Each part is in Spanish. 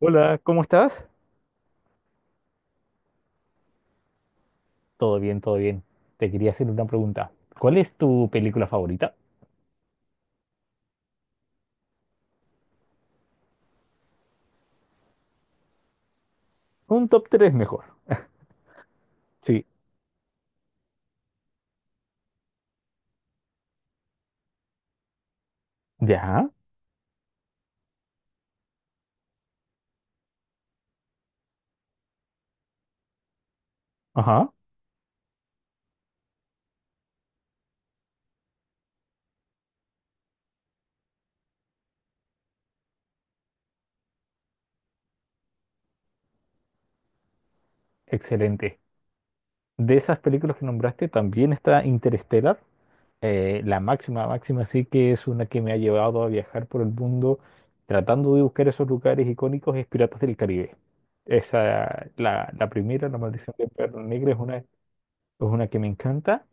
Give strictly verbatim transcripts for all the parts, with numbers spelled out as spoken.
Hola, ¿cómo estás? Todo bien, todo bien. Te quería hacer una pregunta. ¿Cuál es tu película favorita? Un top tres mejor. Sí. Ya, ajá, excelente. De esas películas que nombraste también está Interstellar, eh, la máxima, máxima, sí, que es una que me ha llevado a viajar por el mundo tratando de buscar esos lugares icónicos, es Piratas del Caribe. Esa, la, la primera, La Maldición del Perro Negro, es una, es una que me encanta.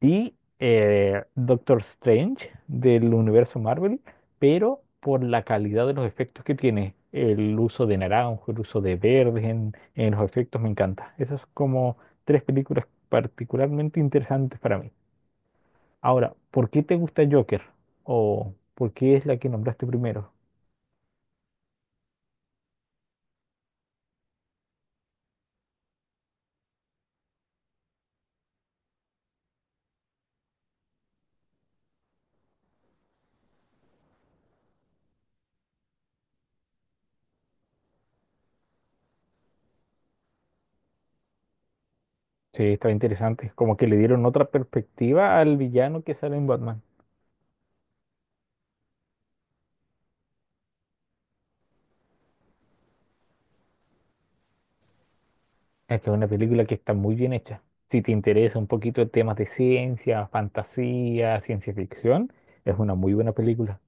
Y eh, Doctor Strange del universo Marvel, pero por la calidad de los efectos que tiene. El uso de naranjo, el uso de verdes en, en los efectos me encanta. Esas son como tres películas particularmente interesantes para mí. Ahora, ¿por qué te gusta Joker? ¿O por qué es la que nombraste primero? Sí, estaba interesante. Como que le dieron otra perspectiva al villano que sale en Batman. Es que es una película que está muy bien hecha. Si te interesa un poquito de temas de ciencia, fantasía, ciencia ficción, es una muy buena película.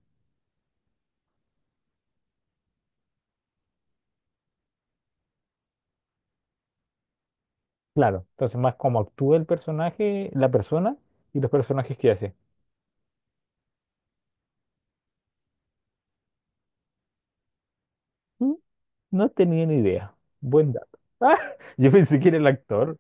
Claro, entonces más como actúa el personaje, la persona y los personajes que hace. Mm. No tenía ni idea. Buen dato. Ah, yo pensé que era el actor.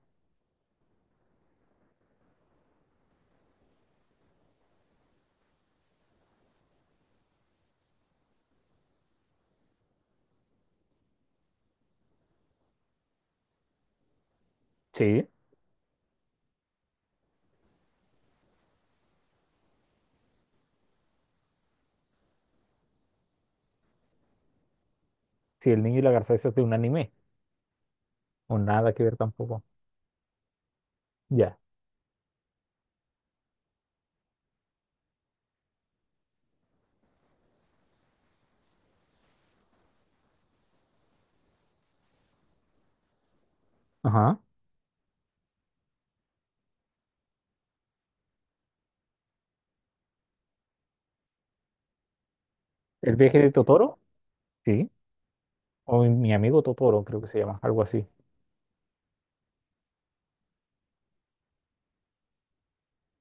Sí, sí, el niño y la garza, eso es de un anime. O nada que ver tampoco. Ya. Ajá. ¿El viaje de Totoro? Sí. O mi amigo Totoro, creo que se llama, algo así.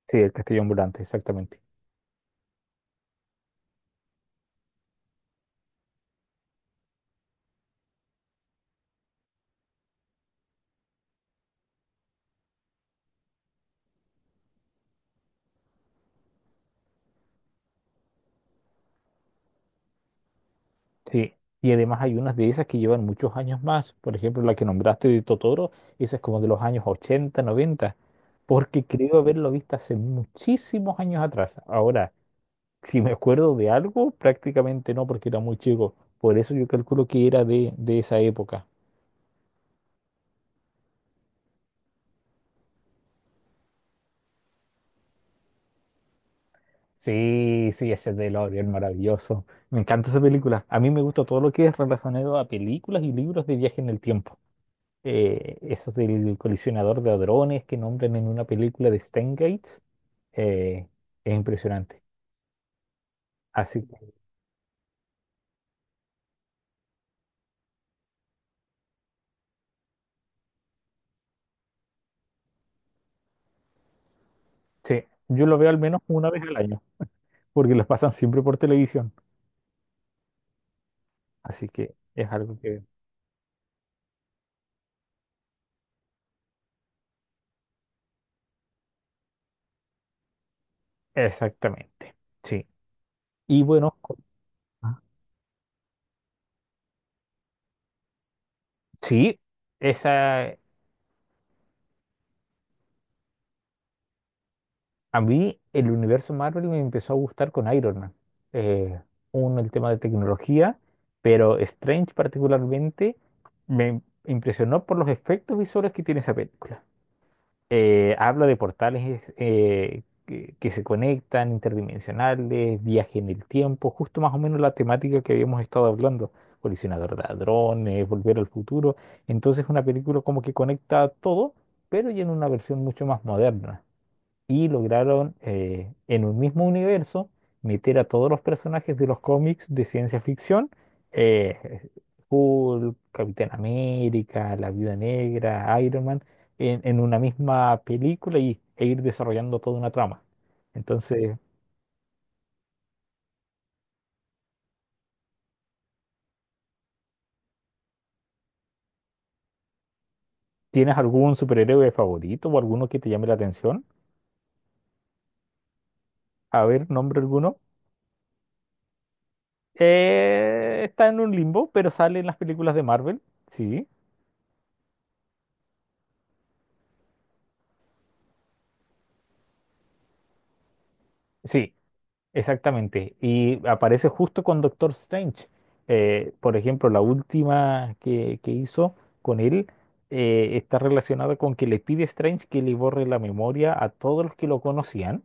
Sí, el castillo ambulante, exactamente. Sí, y además hay unas de esas que llevan muchos años más. Por ejemplo, la que nombraste de Totoro, esa es como de los años ochenta, noventa, porque creo haberlo visto hace muchísimos años atrás. Ahora, si me acuerdo de algo, prácticamente no, porque era muy chico. Por eso yo calculo que era de, de esa época. Sí, sí, ese es de L'Oreal maravilloso. Me encanta esa película. A mí me gusta todo lo que es relacionado a películas y libros de viaje en el tiempo. Eh, esos del colisionador de hadrones que nombran en una película de Steingate. eh, es impresionante. Así que sí, yo lo veo al menos una vez al año, porque lo pasan siempre por televisión. Así que es algo que... Exactamente, sí. Y bueno, co- ah, sí, esa... A mí el universo Marvel me empezó a gustar con Iron Man. Eh, Uno, el tema de tecnología, pero Strange particularmente me impresionó por los efectos visuales que tiene esa película. Eh, habla de portales eh, que, que se conectan, interdimensionales, viaje en el tiempo, justo más o menos la temática que habíamos estado hablando, colisionador de ladrones, volver al futuro. Entonces una película como que conecta todo, pero ya en una versión mucho más moderna y lograron eh, en un mismo universo meter a todos los personajes de los cómics de ciencia ficción, eh, Hulk, Capitán América, La Viuda Negra, Iron Man, en, en una misma película y, e ir desarrollando toda una trama. Entonces, ¿tienes algún superhéroe favorito o alguno que te llame la atención? A ver, nombre alguno. Eh, está en un limbo, pero sale en las películas de Marvel. Sí. Sí, exactamente, y aparece justo con Doctor Strange. Eh, por ejemplo, la última que, que hizo con él, eh, está relacionada con que le pide a Strange que le borre la memoria a todos los que lo conocían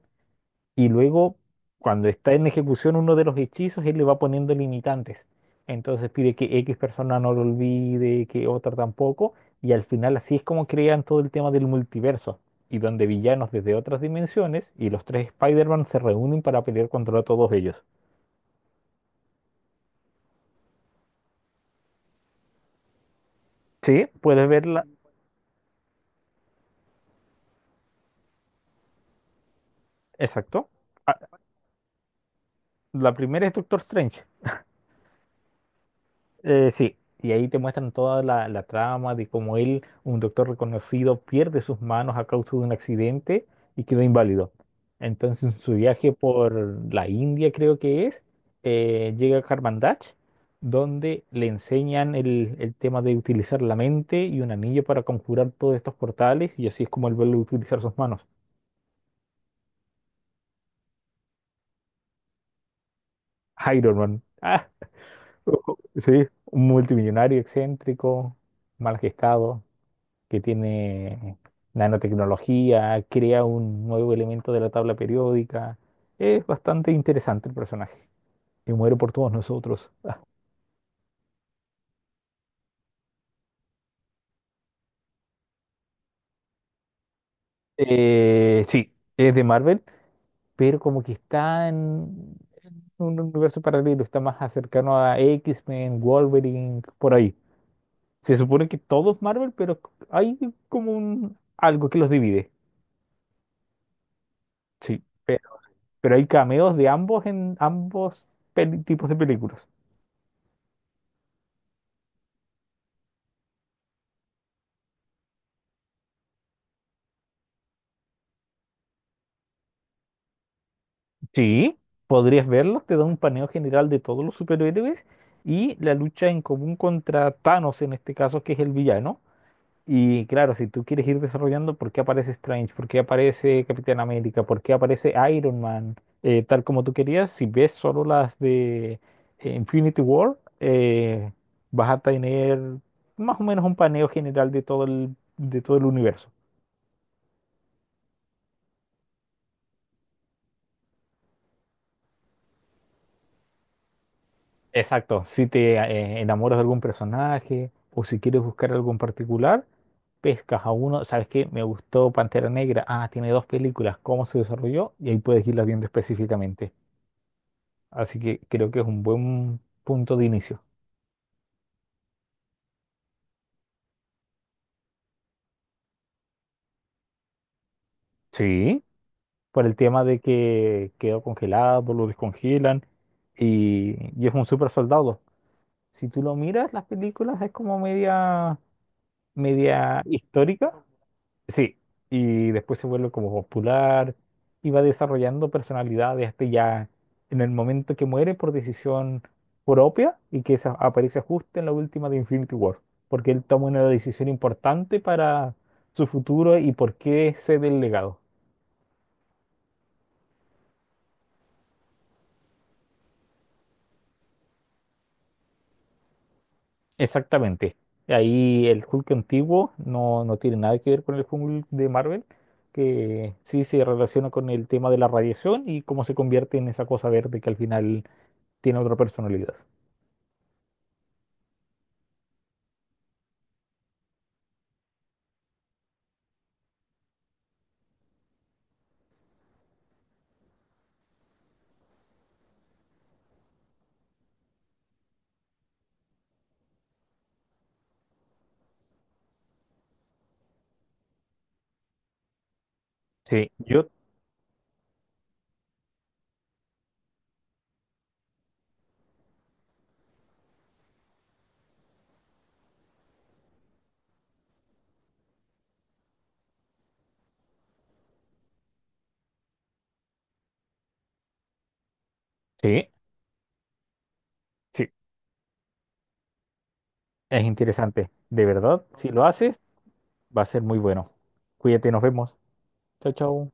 y luego, cuando está en ejecución uno de los hechizos, él le va poniendo limitantes. Entonces pide que X persona no lo olvide, que otra tampoco. Y al final así es como crean todo el tema del multiverso. Y donde villanos desde otras dimensiones y los tres Spider-Man se reúnen para pelear contra todos ellos. Sí, puedes verla. Exacto. La primera es Doctor Strange. Eh, sí, y ahí te muestran toda la, la trama de cómo él, un doctor reconocido, pierde sus manos a causa de un accidente y queda inválido. Entonces, en su viaje por la India, creo que es, eh, llega a Karmandach, donde le enseñan el, el tema de utilizar la mente y un anillo para conjurar todos estos portales, y así es como él vuelve a utilizar sus manos. Iron Man. Ah, sí, un multimillonario excéntrico, mal gestado, que tiene nanotecnología, crea un nuevo elemento de la tabla periódica. Es bastante interesante el personaje. Y muere por todos nosotros. Eh, sí, es de Marvel, pero como que está en un universo paralelo, está más cercano a X-Men, Wolverine, por ahí. Se supone que todo es Marvel, pero hay como un algo que los divide. Sí, pero, pero hay cameos de ambos en ambos peli- tipos de películas. Sí, podrías verlos, te da un paneo general de todos los superhéroes y la lucha en común contra Thanos en este caso, que es el villano. Y claro, si tú quieres ir desarrollando por qué aparece Strange, por qué aparece Capitán América, por qué aparece Iron Man, eh, tal como tú querías, si ves solo las de eh, Infinity War, eh, vas a tener más o menos un paneo general de todo el, de todo el universo. Exacto, si te eh, enamoras de algún personaje o si quieres buscar algo en particular, pescas a uno, ¿sabes qué? Me gustó Pantera Negra, ah, tiene dos películas, ¿cómo se desarrolló? Y ahí puedes irlas viendo específicamente. Así que creo que es un buen punto de inicio. Sí, por el tema de que quedó congelado, lo descongelan y, y es un super soldado. Si tú lo miras, las películas es como media, media histórica. Sí, y después se vuelve como popular y va desarrollando personalidad de este ya en el momento que muere por decisión propia, y que esa aparece justo en la última de Infinity War, porque él toma una decisión importante para su futuro y por qué cede el legado. Exactamente. Ahí el Hulk antiguo no, no tiene nada que ver con el Hulk de Marvel, que sí se relaciona con el tema de la radiación y cómo se convierte en esa cosa verde que al final tiene otra personalidad. Sí, yo, sí, sí, es interesante. De verdad, si lo haces, va a ser muy bueno. Cuídate, nos vemos. Chao, chao.